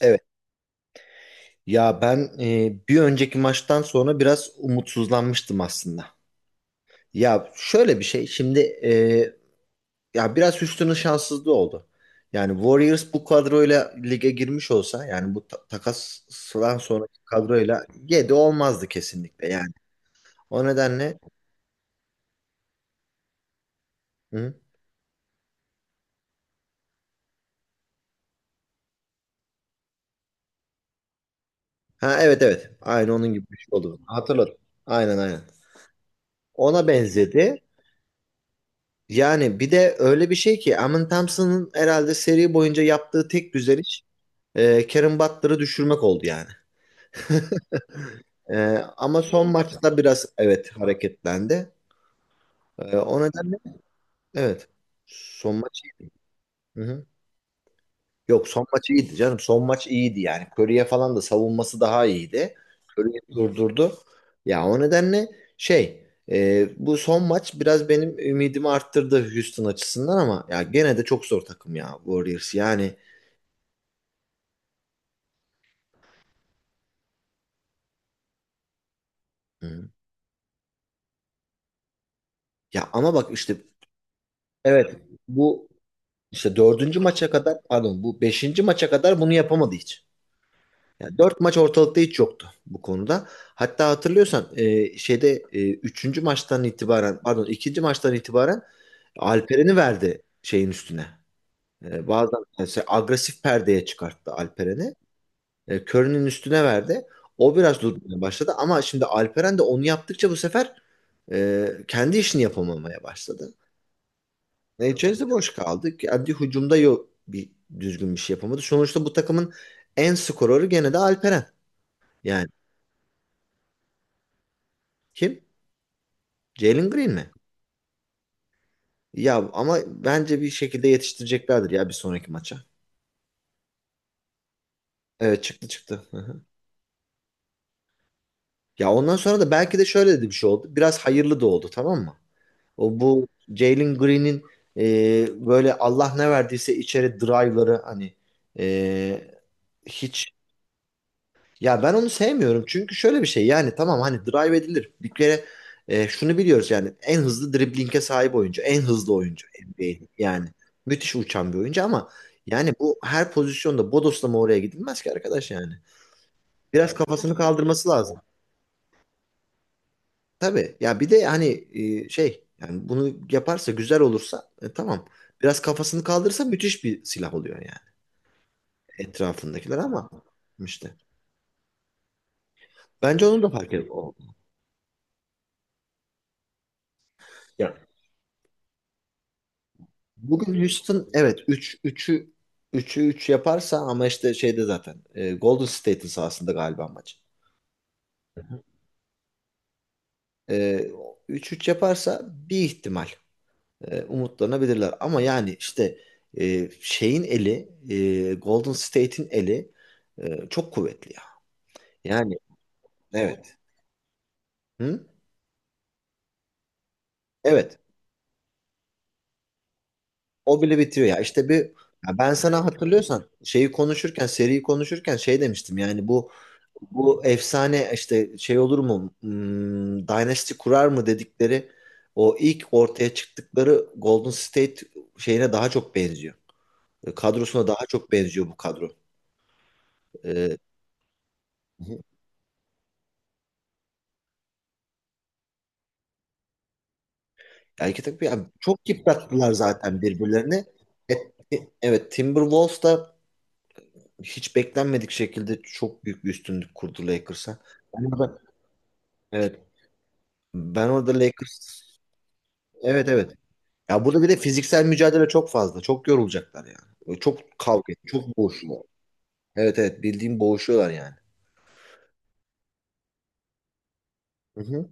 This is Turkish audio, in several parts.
Evet. Ya ben bir önceki maçtan sonra biraz umutsuzlanmıştım aslında. Ya şöyle bir şey şimdi ya biraz Houston'ın şanssızlığı oldu. Yani Warriors bu kadroyla lige girmiş olsa yani bu takasdan sonraki kadroyla 7 olmazdı kesinlikle yani. O nedenle hı? Ha, evet, evet, aynı onun gibi bir şey oldu. Hatırladım. Aynen, aynen. Ona benzedi. Yani bir de öyle bir şey ki Amin Thompson'ın herhalde seri boyunca yaptığı tek güzel iş Kevin Butler'ı düşürmek oldu yani. E, Ama son maçta biraz evet hareketlendi. O nedenle evet. Son maç. Hı hı. Yok, son maç iyiydi canım. Son maç iyiydi yani. Curry'e falan da savunması daha iyiydi. Curry'i durdurdu. Ya o nedenle şey bu son maç biraz benim ümidimi arttırdı Houston açısından ama ya gene de çok zor takım ya Warriors yani. Hı. Ya ama bak işte, evet, bu işte dördüncü maça kadar pardon bu beşinci maça kadar bunu yapamadı hiç. Yani dört maç ortalıkta hiç yoktu bu konuda. Hatta hatırlıyorsan şeyde üçüncü maçtan itibaren pardon ikinci maçtan itibaren Alperen'i verdi şeyin üstüne. Bazen mesela agresif perdeye çıkarttı Alperen'i. Curry'nin üstüne verdi. O biraz durmaya başladı ama şimdi Alperen de onu yaptıkça bu sefer kendi işini yapamamaya başladı. Necez'de boş kaldı. Kendi hücumda yok bir düzgün bir şey yapamadı. Sonuçta bu takımın en skorörü gene de Alperen. Yani kim? Jalen Green mi? Ya ama bence bir şekilde yetiştireceklerdir ya bir sonraki maça. Evet, çıktı, çıktı. Hı hı. Ya ondan sonra da belki de şöyle de bir şey oldu. Biraz hayırlı da oldu, tamam mı? O bu Jalen Green'in böyle Allah ne verdiyse içeri drive'ları hani e, hiç. Ya ben onu sevmiyorum çünkü şöyle bir şey yani tamam hani drive edilir. Bir kere şunu biliyoruz yani en hızlı dribling'e sahip oyuncu, en hızlı oyuncu NBA'in yani müthiş uçan bir oyuncu ama yani bu her pozisyonda bodoslama oraya gidilmez ki arkadaş yani. Biraz kafasını kaldırması lazım. Tabii ya bir de hani şey yani bunu yaparsa güzel olursa tamam. Biraz kafasını kaldırırsa müthiş bir silah oluyor yani etrafındakiler ama işte bence onun da fark ediyor. Bugün Houston evet 3 üçü 3'ü 3 yaparsa ama işte şeyde zaten Golden State'in sahasında galiba maç. E, üç 3 yaparsa bir ihtimal umutlanabilirler ama yani işte şeyin eli Golden State'in eli çok kuvvetli ya. Yani, evet. Hı? Evet. O bile bitiyor ya. İşte bir, ya, ben sana hatırlıyorsan şeyi konuşurken seriyi konuşurken şey demiştim yani bu. Bu efsane işte şey olur mu? Hmm, Dynasty kurar mı dedikleri o ilk ortaya çıktıkları Golden State şeyine daha çok benziyor. Kadrosuna daha çok benziyor bu kadro. Ee, yani iki yani çok yıprattılar zaten birbirlerini. E- evet Timberwolves da hiç beklenmedik şekilde çok büyük bir üstünlük kurdu Lakers'a. Ben orada, evet, ben orada Lakers, evet, evet. Ya burada bir de fiziksel mücadele çok fazla. Çok yorulacaklar yani. Böyle çok kavga, çok boğuşma. Evet, evet, bildiğim boğuşuyorlar yani. Hı hı.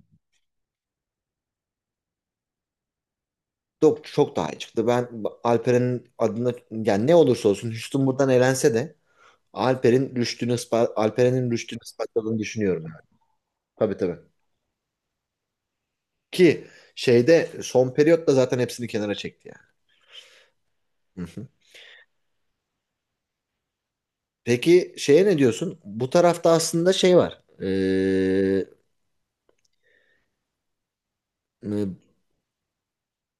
Çok, çok daha iyi çıktı. Ben Alperen'in adına yani ne olursa olsun Houston buradan elense de Alperen'in rüştünü ispatladığını düşünüyorum yani. Tabii, tabii. Ki şeyde son periyotta zaten hepsini kenara çekti yani. Hı hı. Peki şeye ne diyorsun? Bu tarafta aslında şey var.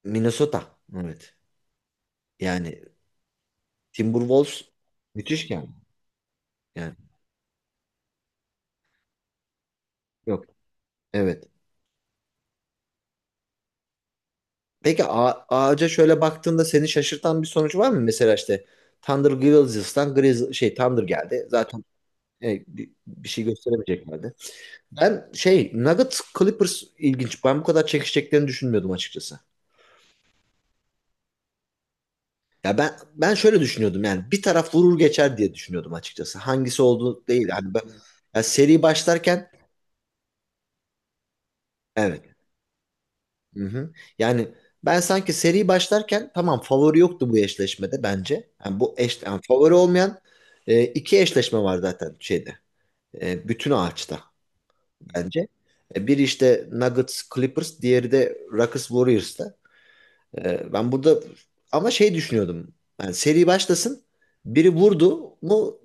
Minnesota. Evet. Yani Timberwolves müthiş yani. Yani, yok. Evet. Peki ağaca şöyle baktığında seni şaşırtan bir sonuç var mı? Mesela işte Thunder Grizzlies'tan Grizz şey Thunder geldi. Zaten bir şey gösteremeyeceklerdi. Ben şey Nuggets Clippers ilginç. Ben bu kadar çekişeceklerini düşünmüyordum açıkçası. Ya ben şöyle düşünüyordum yani bir taraf vurur geçer diye düşünüyordum açıkçası. Hangisi olduğu değil. Yani ben, ya seri başlarken, evet. Hı hı. Yani ben sanki seri başlarken tamam favori yoktu bu eşleşmede bence. Yani yani favori olmayan iki eşleşme var zaten şeyde. Bütün ağaçta bence. Biri işte Nuggets Clippers, diğeri de Rockets Warriors'ta. Ben burada ama şey düşünüyordum. Yani seri başlasın, biri vurdu mu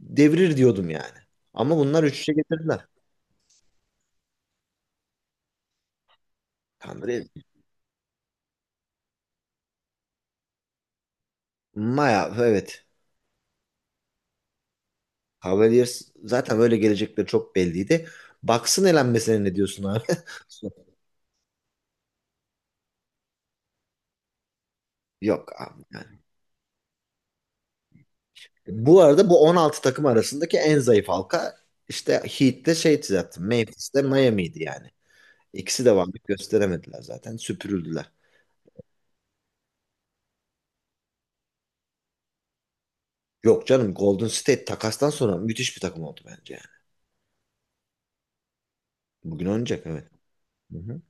devirir diyordum yani. Ama bunlar 3-3'e getirdiler. Kandırıyor. Maya, evet. Cavaliers zaten öyle gelecekleri çok belliydi. Bucks'ın elenmesine ne diyorsun abi? Yok abi yani. Bu arada bu 16 takım arasındaki en zayıf halka işte Heat'te şey zaten. Memphis'te Miami'ydi yani. İkisi de varlık gösteremediler zaten. Süpürüldüler. Yok canım, Golden State takastan sonra müthiş bir takım oldu bence yani. Bugün oynayacak, evet. Hı hı.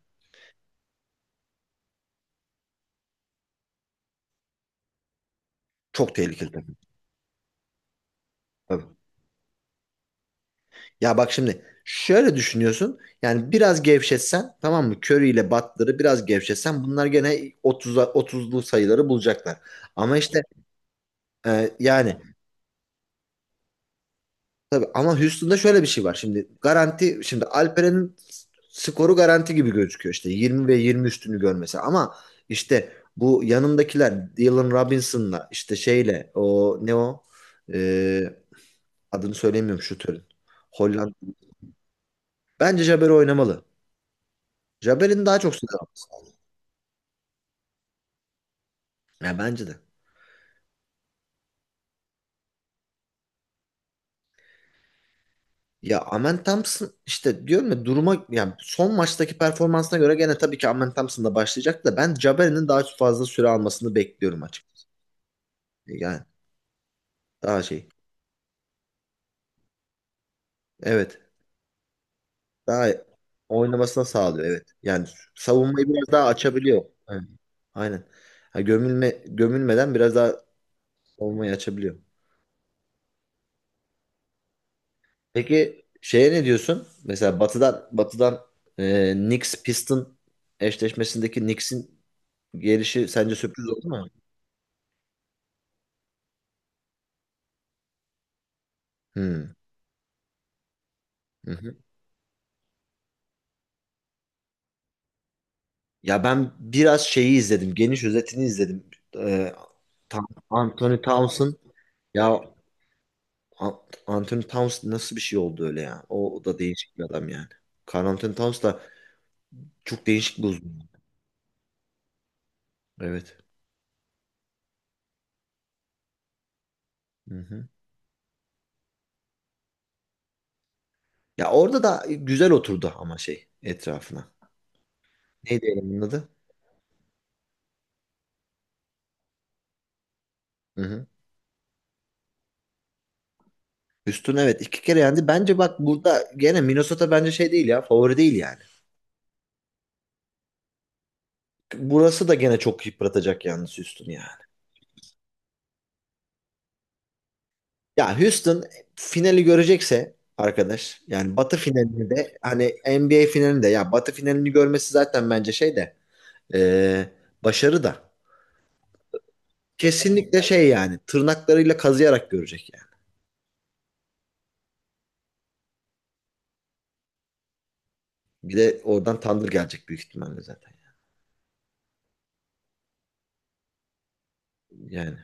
Çok tehlikeli takım. Tabii. Ya bak şimdi şöyle düşünüyorsun. Yani biraz gevşetsen, tamam mı? Curry ile Butler'ı biraz gevşetsen bunlar gene 30'a 30'lu sayıları bulacaklar. Ama işte yani tabii ama Houston'da şöyle bir şey var. Şimdi garanti şimdi Alperen'in skoru garanti gibi gözüküyor. İşte 20 ve 20 üstünü görmesi ama işte bu yanındakiler Dylan Robinson'la işte şeyle o ne o E, adını söylemiyorum şutörün. Hollanda. Bence Jabber oynamalı. Jabber'in daha çok sayı. Ya bence de. Ya Amen Thompson işte diyorum ya duruma yani son maçtaki performansına göre gene tabii ki Amen Thompson da başlayacak da ben Jabari'nin daha fazla süre almasını bekliyorum açık. Yani daha şey. Evet. Daha oynamasına sağlıyor, evet. Yani savunmayı biraz daha açabiliyor. Evet, aynen. Ha, gömülmeden biraz daha savunmayı açabiliyor. Peki şeye ne diyorsun? Mesela Batı'dan Knicks Piston eşleşmesindeki Knicks'in gelişi sence sürpriz oldu mu? Hmm. Hı hı. Ya ben biraz şeyi izledim. Geniş özetini izledim. Ee, Anthony Townsend ya An- Anthony Townsend nasıl bir şey oldu öyle ya? O, o da değişik bir adam yani. Karl Anthony Townsend da çok değişik bir uzun. Evet. Hı hı. Ya orada da güzel oturdu ama şey etrafına. Neydi elemanın adı? Hı hı. Houston evet iki kere yendi. Bence bak burada gene Minnesota bence şey değil ya favori değil yani. Burası da gene çok yıpratacak yalnız Houston ya. Ya Houston finali görecekse arkadaş yani Batı finalini de hani NBA finalini de ya Batı finalini görmesi zaten bence şey de e, başarı da kesinlikle şey yani tırnaklarıyla kazıyarak görecek yani. Bir de oradan tandır gelecek büyük ihtimalle zaten yani. Yani